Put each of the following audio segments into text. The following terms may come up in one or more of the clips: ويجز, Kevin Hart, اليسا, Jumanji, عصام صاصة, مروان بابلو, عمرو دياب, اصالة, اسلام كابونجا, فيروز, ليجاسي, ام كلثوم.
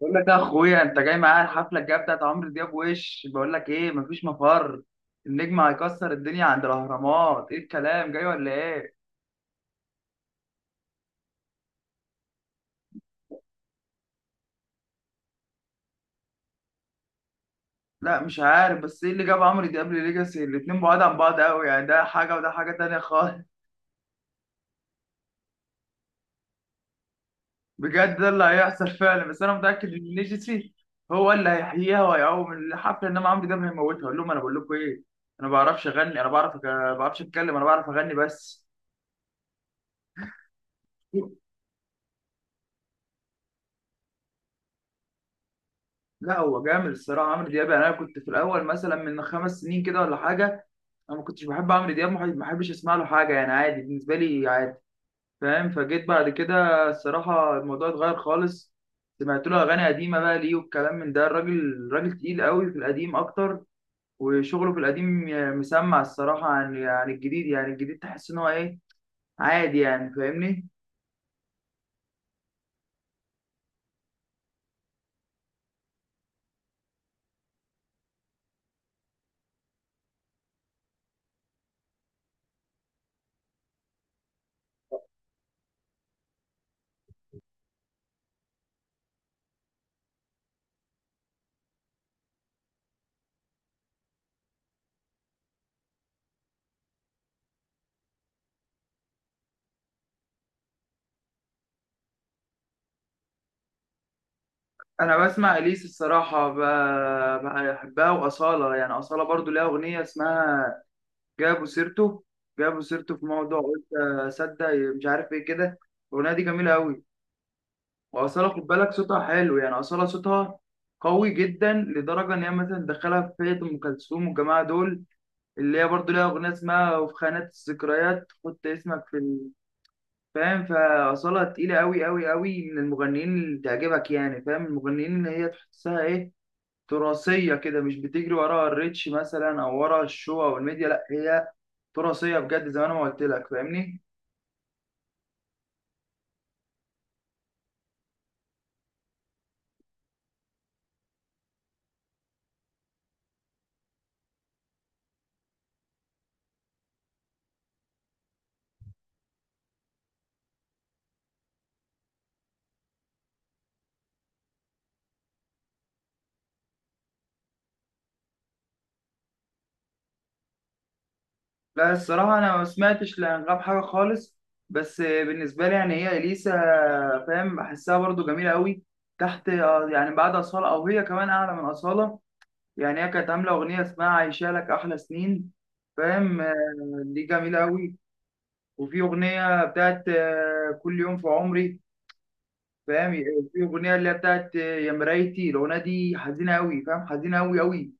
بقول لك يا اخويا، انت جاي معايا الحفله الجايه بتاعت عمرو دياب وش؟ بقول لك ايه؟ مفيش مفر. النجم هيكسر الدنيا عند الاهرامات. ايه الكلام جاي ولا ايه؟ لا مش عارف. بس ايه اللي جاب عمرو دياب لليجاسي؟ الاتنين بعاد عن بعض قوي يعني، ده حاجه وده حاجه تانية خالص. بجد ده اللي هيحصل فعلا. بس انا متاكد ان ليجاسي هو اللي هيحييها وهيقوم الحفله، انما عمرو دياب هيموتها. اقول لهم انا بقول لكم ايه، انا ما بعرفش اغني انا بعرف، ما بعرفش اتكلم انا بعرف اغني بس. لا هو جامد الصراحه عمرو دياب يعني. انا كنت في الاول مثلا من 5 سنين كده ولا حاجه، انا ما كنتش بحب عمرو دياب، ما بحبش اسمع له حاجه، يعني عادي بالنسبه لي عادي. فاهم؟ فجيت بعد كده الصراحه الموضوع اتغير خالص. سمعت له اغاني قديمه بقى ليه والكلام من ده، الراجل راجل تقيل قوي في القديم اكتر، وشغله في القديم. مسمع الصراحه عن الجديد، يعني الجديد تحس ان هو ايه، عادي يعني. فاهمني؟ انا بسمع اليس الصراحه، بحبها. واصاله يعني اصاله برضو ليها اغنيه اسمها جابوا سيرته جابوا سيرته في موضوع، قلت اصدق مش عارف ايه كده. الاغنيه دي جميله قوي. واصاله خد بالك صوتها حلو، يعني اصاله صوتها قوي جدا لدرجه ان هي مثلا تدخلها في فئه ام كلثوم والجماعه دول، اللي هي برضو ليها اغنيه اسمها وفي خانات الذكريات حط اسمك في ال-. فاهم؟ فاصاله تقيله قوي قوي قوي من المغنيين اللي تعجبك، يعني فاهم المغنيين اللي هي تحسها ايه، تراثيه كده، مش بتجري وراها الريتش مثلا او ورا الشو او الميديا، لا هي تراثيه بجد زي ما انا ما قلت لك. فاهمني؟ لا الصراحه انا ما سمعتش لانغام حاجه خالص. بس بالنسبه لي يعني هي اليسا، فاهم، بحسها برضو جميله قوي. تحت يعني بعد اصاله، او هي كمان اعلى من اصاله. يعني هي كانت عامله اغنيه اسمها عايشه لك احلى سنين. فاهم دي جميله قوي. وفي اغنيه بتاعت كل يوم في عمري. فاهم؟ في اغنيه اللي هي بتاعت يا مرايتي، الاغنيه دي حزينه قوي، فاهم، حزينه قوي قوي.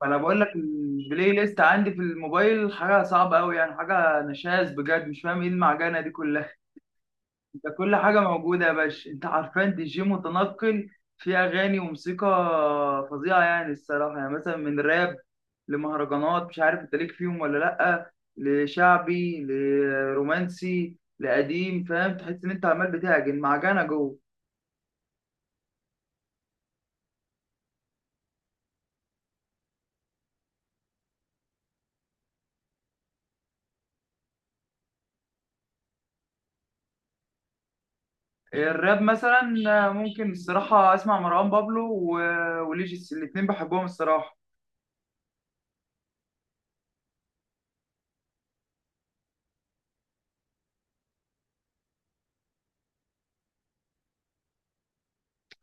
فانا بقول لك البلاي ليست عندي في الموبايل حاجه صعبه قوي، يعني حاجه نشاز بجد. مش فاهم ايه المعجنه دي كلها. انت كل حاجه موجوده يا باشا، انت عارفان دي جي متنقل في اغاني وموسيقى فظيعه يعني الصراحه، يعني مثلا من راب لمهرجانات مش عارف انت ليك فيهم ولا لا، لشعبي لرومانسي لقديم. فاهم؟ تحس ان انت عمال بتعجن معجنه جوه. الراب مثلا ممكن الصراحة أسمع مروان بابلو وليجيس، الاتنين بحبهم الصراحة.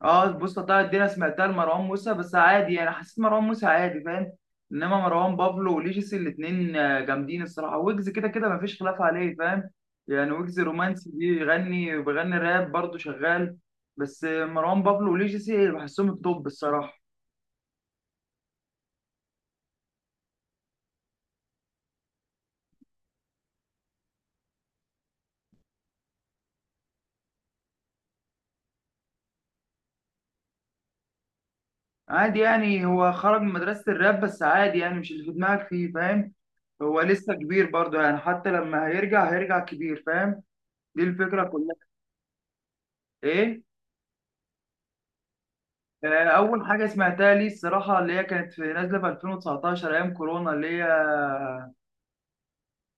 اه بص طلعت دي أنا سمعتها لمروان موسى بس عادي يعني، حسيت مروان موسى عادي. فاهم؟ إنما مروان بابلو وليجيس الاتنين جامدين الصراحة. ويجز كده كده مفيش خلاف عليه فاهم، يعني ويجز رومانسي بيغني وبيغني راب برضه شغال. بس مروان بابلو وليجيس بحسهم التوب الصراحة. عادي يعني هو خرج من مدرسة الراب، بس عادي يعني مش اللي في دماغك فيه. فاهم؟ هو لسه كبير برضه، يعني حتى لما هيرجع هيرجع كبير. فاهم؟ دي الفكرة كلها. ايه؟ اول حاجة سمعتها لي الصراحة اللي هي كانت في نازلة في 2019 ايام كورونا، اللي هي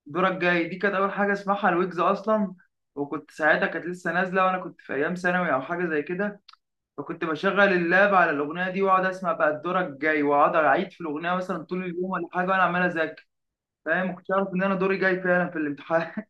دورك جاي، دي كانت اول حاجة اسمعها الويجز اصلا. وكنت ساعتها كانت لسه نازلة وانا كنت في ايام ثانوي او حاجة زي كده. فكنت بشغل اللاب على الاغنية دي واقعد اسمع بقى دورك جاي، واقعد اعيد في الاغنية مثلا طول اليوم ولا حاجة وانا عمال اذاكر. فاهم؟ ما كنتش عارف ان انا دوري جاي فعلا في الامتحان.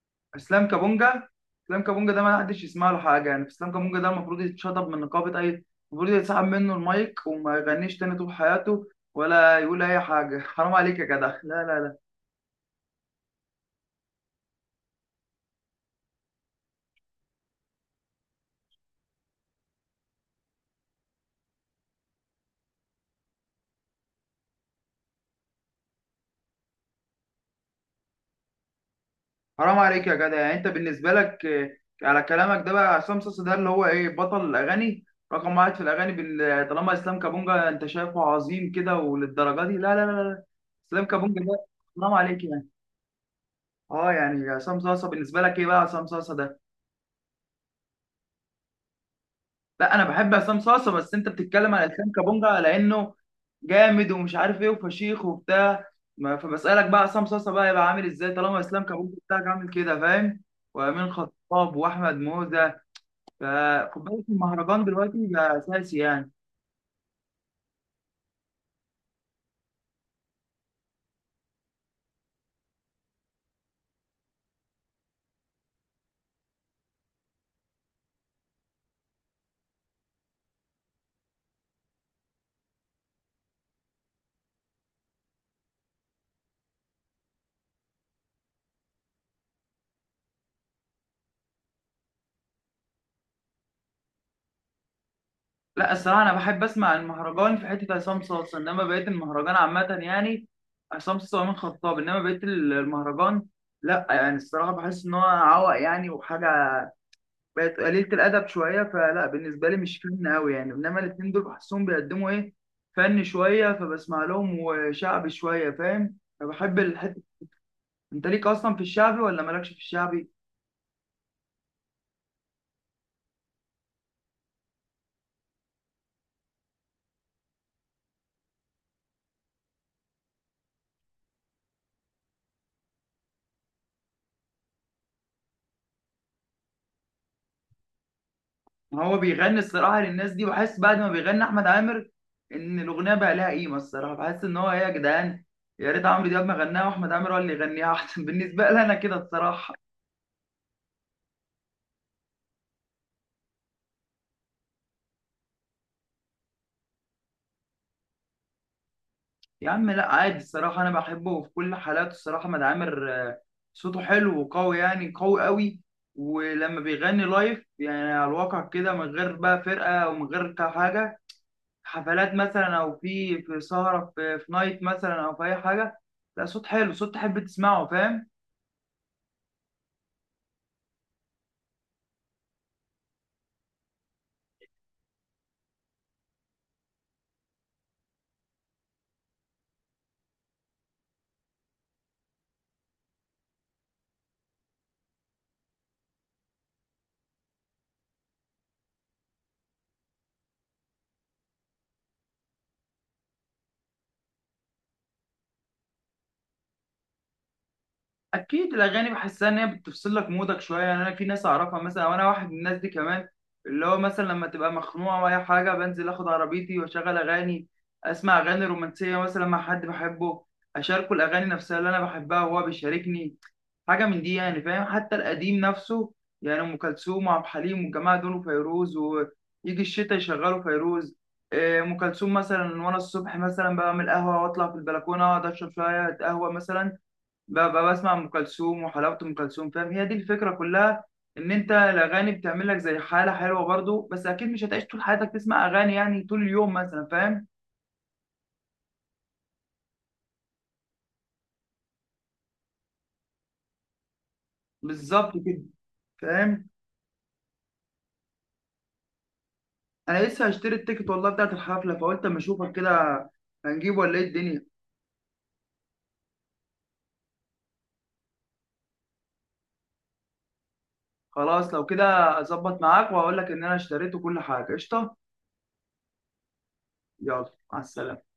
اسلام كابونجا، اسلام كابونجا ده ما حدش يسمع له حاجه، يعني اسلام كابونجا ده المفروض يتشطب من نقابه اي، المفروض يتسحب منه المايك وما يغنيش تاني طول حياته، ولا يقول اي حاجه. حرام عليك يا جدع، لا لا لا. حرام عليك يا جدع يعني، انت بالنسبه لك على كلامك ده بقى عصام صاصا ده اللي هو ايه بطل الاغاني رقم واحد في الاغاني بال-، طالما اسلام كابونجا انت شايفه عظيم كده وللدرجه دي، لا لا لا لا. اسلام كابونجا ده حرام عليك يعني. اه يعني عصام صاصه بالنسبه لك ايه بقى؟ عصام صاصه ده لا انا بحب عصام صاصه، بس انت بتتكلم على اسلام كابونجا لانه جامد ومش عارف ايه وفشيخ وبتاع. فبسالك بقى عصام صاصه، بقى يبقى عامل ازاي طالما اسلام كابونجا بتاعك عامل كده؟ فاهم؟ وامين خطاب واحمد موزه، فخد بالك المهرجان دلوقتي بقى اساسي يعني. لا الصراحه انا بحب اسمع المهرجان في حته عصام صاصه، انما بقيت المهرجان عامه يعني عصام صاصه وامين خطاب، انما بقيت المهرجان لا يعني الصراحه بحس ان هو عوق يعني وحاجه بقت قليلة الأدب شوية، فلا بالنسبة لي مش فن أوي يعني. إنما الاتنين دول بحسهم بيقدموا إيه فن شوية، فبسمع لهم وشعبي شوية. فاهم؟ فبحب الحتة. أنت ليك أصلا في الشعبي ولا مالكش في الشعبي؟ ما هو بيغني الصراحة للناس دي، بحس بعد ما بيغني أحمد عامر إن الأغنية بقى لها قيمة الصراحة. بحس إن هو إيه يا جدعان، يا ريت عمرو دياب ما غناها وأحمد عامر هو اللي يغنيها أحسن. بالنسبة لي أنا كده الصراحة. يا عم لا عادي الصراحة أنا بحبه في كل حالاته الصراحة. مد عامر صوته حلو وقوي يعني قوي قوي. ولما بيغني لايف يعني على الواقع كده من غير بقى فرقة ومن غير حاجة، حفلات مثلا أو في في سهرة في نايت مثلا أو في أي حاجة، لا صوت حلو صوت تحب تسمعه. فاهم؟ اكيد الاغاني بحسها ان هي بتفصل لك مودك شويه يعني، انا في ناس اعرفها مثلا وانا واحد من الناس دي كمان، اللي هو مثلا لما تبقى مخنوقه ولا حاجه بنزل اخد عربيتي واشغل اغاني، اسمع اغاني رومانسيه مثلا مع حد بحبه، اشاركه الاغاني نفسها اللي انا بحبها وهو بيشاركني حاجه من دي يعني. فاهم؟ حتى القديم نفسه، يعني ام كلثوم وعبد الحليم والجماعه دول وفيروز، ويجي الشتاء يشغلوا فيروز إيه، ام كلثوم مثلا. وانا الصبح مثلا بعمل قهوه واطلع في البلكونه اقعد اشرب شويه قهوه مثلا، ببقى بسمع ام كلثوم، وحلاوه ام كلثوم فاهم، هي دي الفكره كلها، ان انت الاغاني بتعمل لك زي حاله حلوه برضو، بس اكيد مش هتعيش طول حياتك تسمع اغاني يعني طول اليوم مثلا. فاهم؟ بالظبط كده. فاهم. انا لسه هشتري التيكت والله بتاعت الحفله، فقلت اما اشوفك كده هنجيبه ولا ايه الدنيا. خلاص لو كده اظبط معاك واقول لك ان انا اشتريت كل حاجه قشطه. يلا مع السلامه.